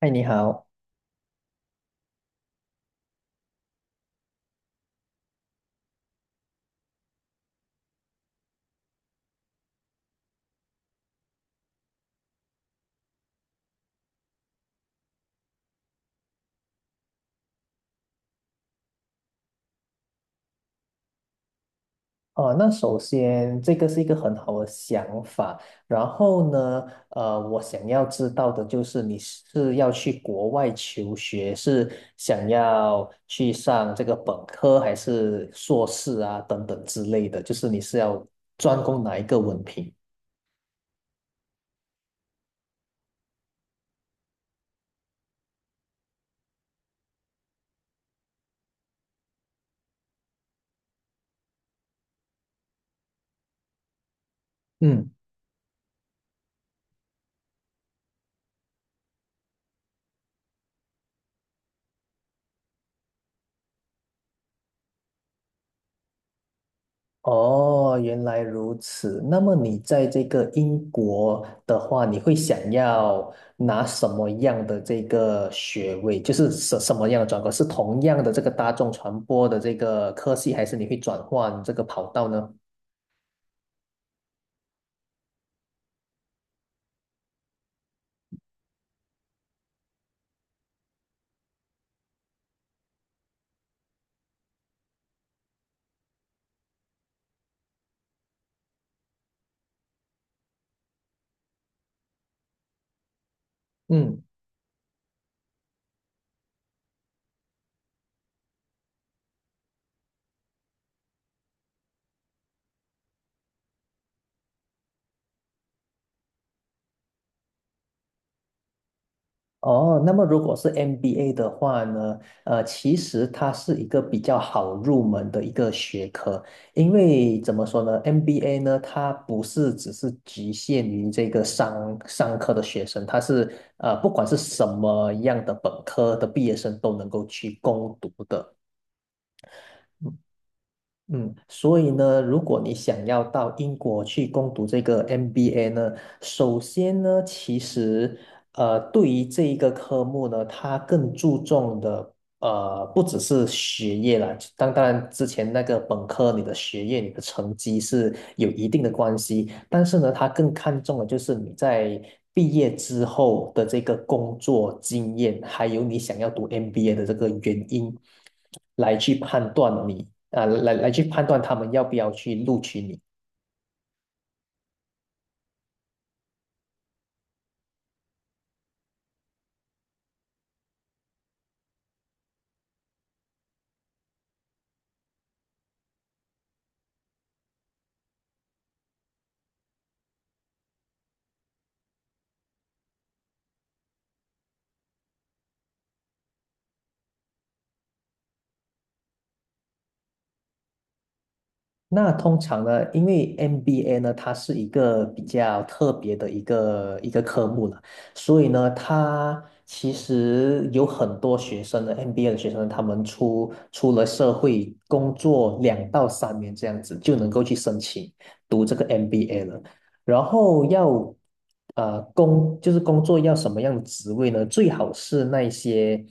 嗨，你好。哦，那首先这个是一个很好的想法。然后呢，我想要知道的就是你是要去国外求学，是想要去上这个本科还是硕士啊，等等之类的，就是你是要专攻哪一个文凭？嗯。哦，原来如此。那么你在这个英国的话，你会想要拿什么样的这个学位？就是什么样的专科？是同样的这个大众传播的这个科系，还是你会转换这个跑道呢？嗯。哦，那么如果是 MBA 的话呢，其实它是一个比较好入门的一个学科，因为怎么说呢，MBA 呢，它不是只是局限于这个商科的学生，它是不管是什么样的本科的毕业生都能够去攻读的。嗯，所以呢，如果你想要到英国去攻读这个 MBA 呢，首先呢，其实对于这一个科目呢，它更注重的不只是学业啦，当然之前那个本科你的学业、你的成绩是有一定的关系，但是呢，它更看重的就是你在毕业之后的这个工作经验，还有你想要读 MBA 的这个原因。来去判断你啊，来去判断他们要不要去录取你。那通常呢，因为 MBA 呢，它是一个比较特别的一个科目了，所以呢，它其实有很多学生呢，MBA 的学生，他们出了社会工作2到3年这样子，就能够去申请读这个 MBA 了。然后要呃工就是工作要什么样的职位呢？最好是那些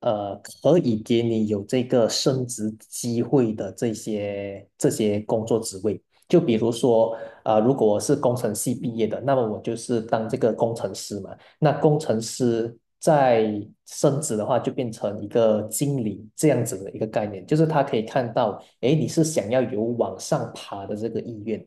呃可以给你有这个升职机会的这些工作职位。就比如说，如果我是工程系毕业的，那么我就是当这个工程师嘛。那工程师在升职的话，就变成一个经理这样子的一个概念，就是他可以看到，诶，你是想要有往上爬的这个意愿。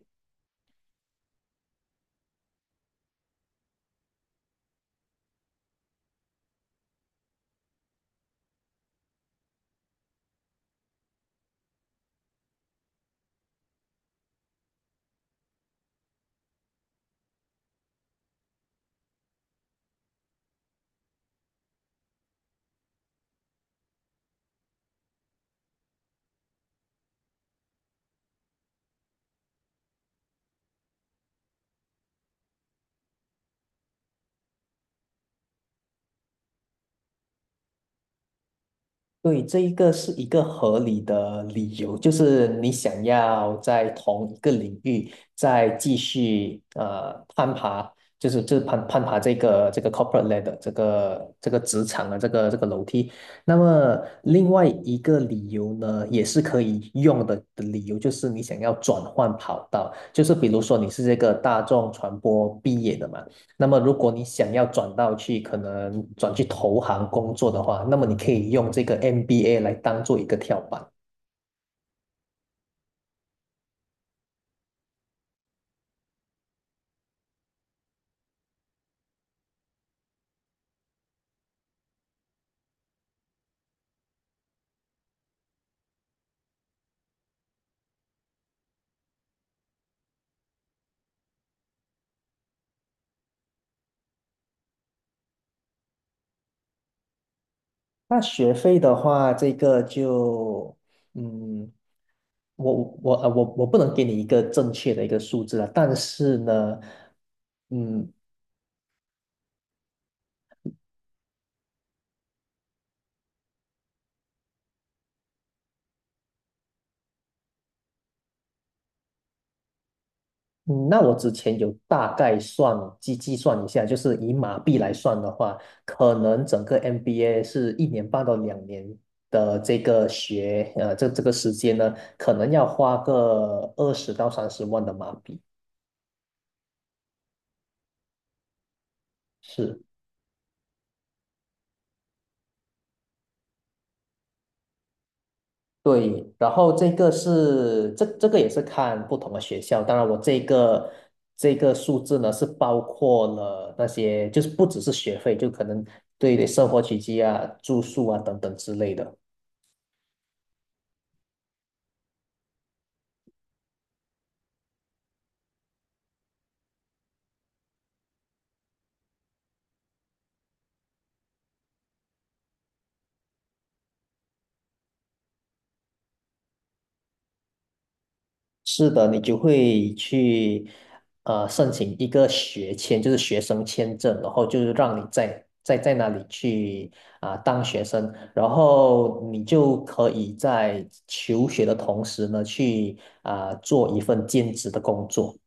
对，这一个是一个合理的理由，就是你想要在同一个领域再继续攀爬，就是攀爬这个这个 corporate ladder， 这个这个职场的这个这个楼梯。那么另外一个理由呢，也是可以用的理由，就是你想要转换跑道，就是比如说你是这个大众传播毕业的嘛。那么，如果你想要转到去，可能转去投行工作的话，那么你可以用这个 MBA 来当做一个跳板。那学费的话，这个就，嗯，我我不能给你一个正确的一个数字啊，但是呢，嗯，嗯那我之前有大概计算一下，就是以马币来算的话，可能整个 MBA 是1年半到2年的这个这个时间呢，可能要花个20到30万的马币。是，对。然后这个是这个也是看不同的学校，当然我这个这个数字呢是包括了那些就是不只是学费，就可能对生活起居啊、住宿啊等等之类的。是的，你就会去申请一个学签，就是学生签证，然后就是让你在那里去啊、当学生，然后你就可以在求学的同时呢，去啊、做一份兼职的工作。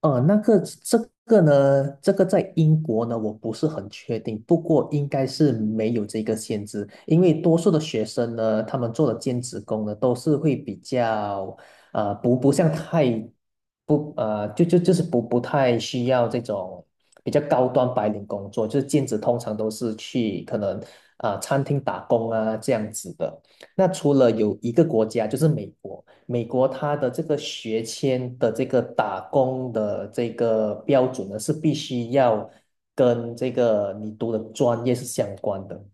呃，那个这个呢，这个在英国呢，我不是很确定，不过应该是没有这个限制，因为多数的学生呢，他们做的兼职工呢，都是会比较，呃，不不像太不呃，就就就是不不太需要这种比较高端白领工作，就是兼职通常都是去可能啊、呃餐厅打工啊这样子的。那除了有一个国家就是美国。美国它的这个学签的这个打工的这个标准呢，是必须要跟这个你读的专业是相关的。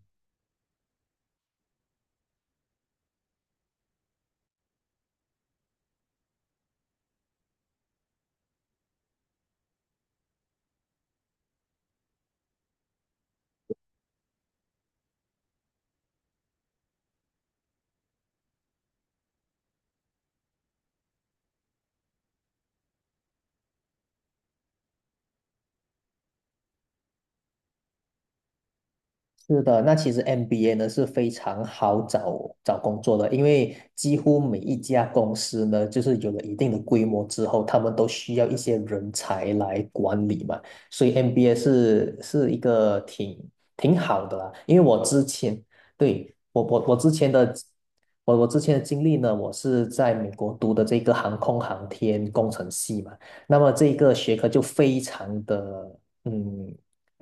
是的，那其实 MBA 呢是非常好找工作的，因为几乎每一家公司呢，就是有了一定的规模之后，他们都需要一些人才来管理嘛，所以 MBA 是一个挺好的啦。因为我之前对我之前的我之前的经历呢，我是在美国读的这个航空航天工程系嘛，那么这个学科就非常的嗯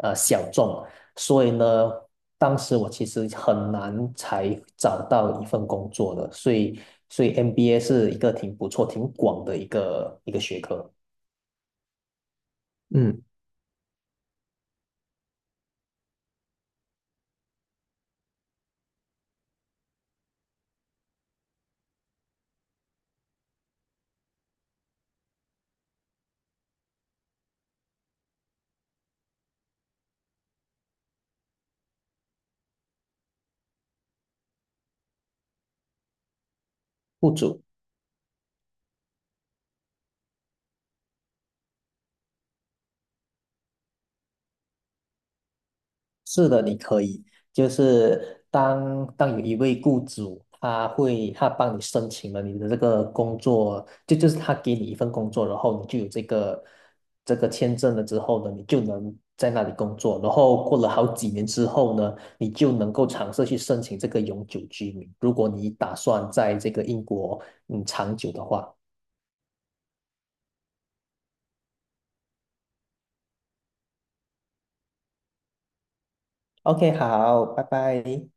呃小众。所以呢，当时我其实很难才找到一份工作的，所以MBA 是一个挺不错、挺广的一个学科。嗯，不止是的，你可以，就是当有一位雇主，他会他帮你申请了你的这个工作，就是他给你一份工作，然后你就有这个这个签证了之后呢，你就能在那里工作，然后过了好几年之后呢，你就能够尝试去申请这个永久居民，如果你打算在这个英国嗯长久的话。OK，好，拜拜。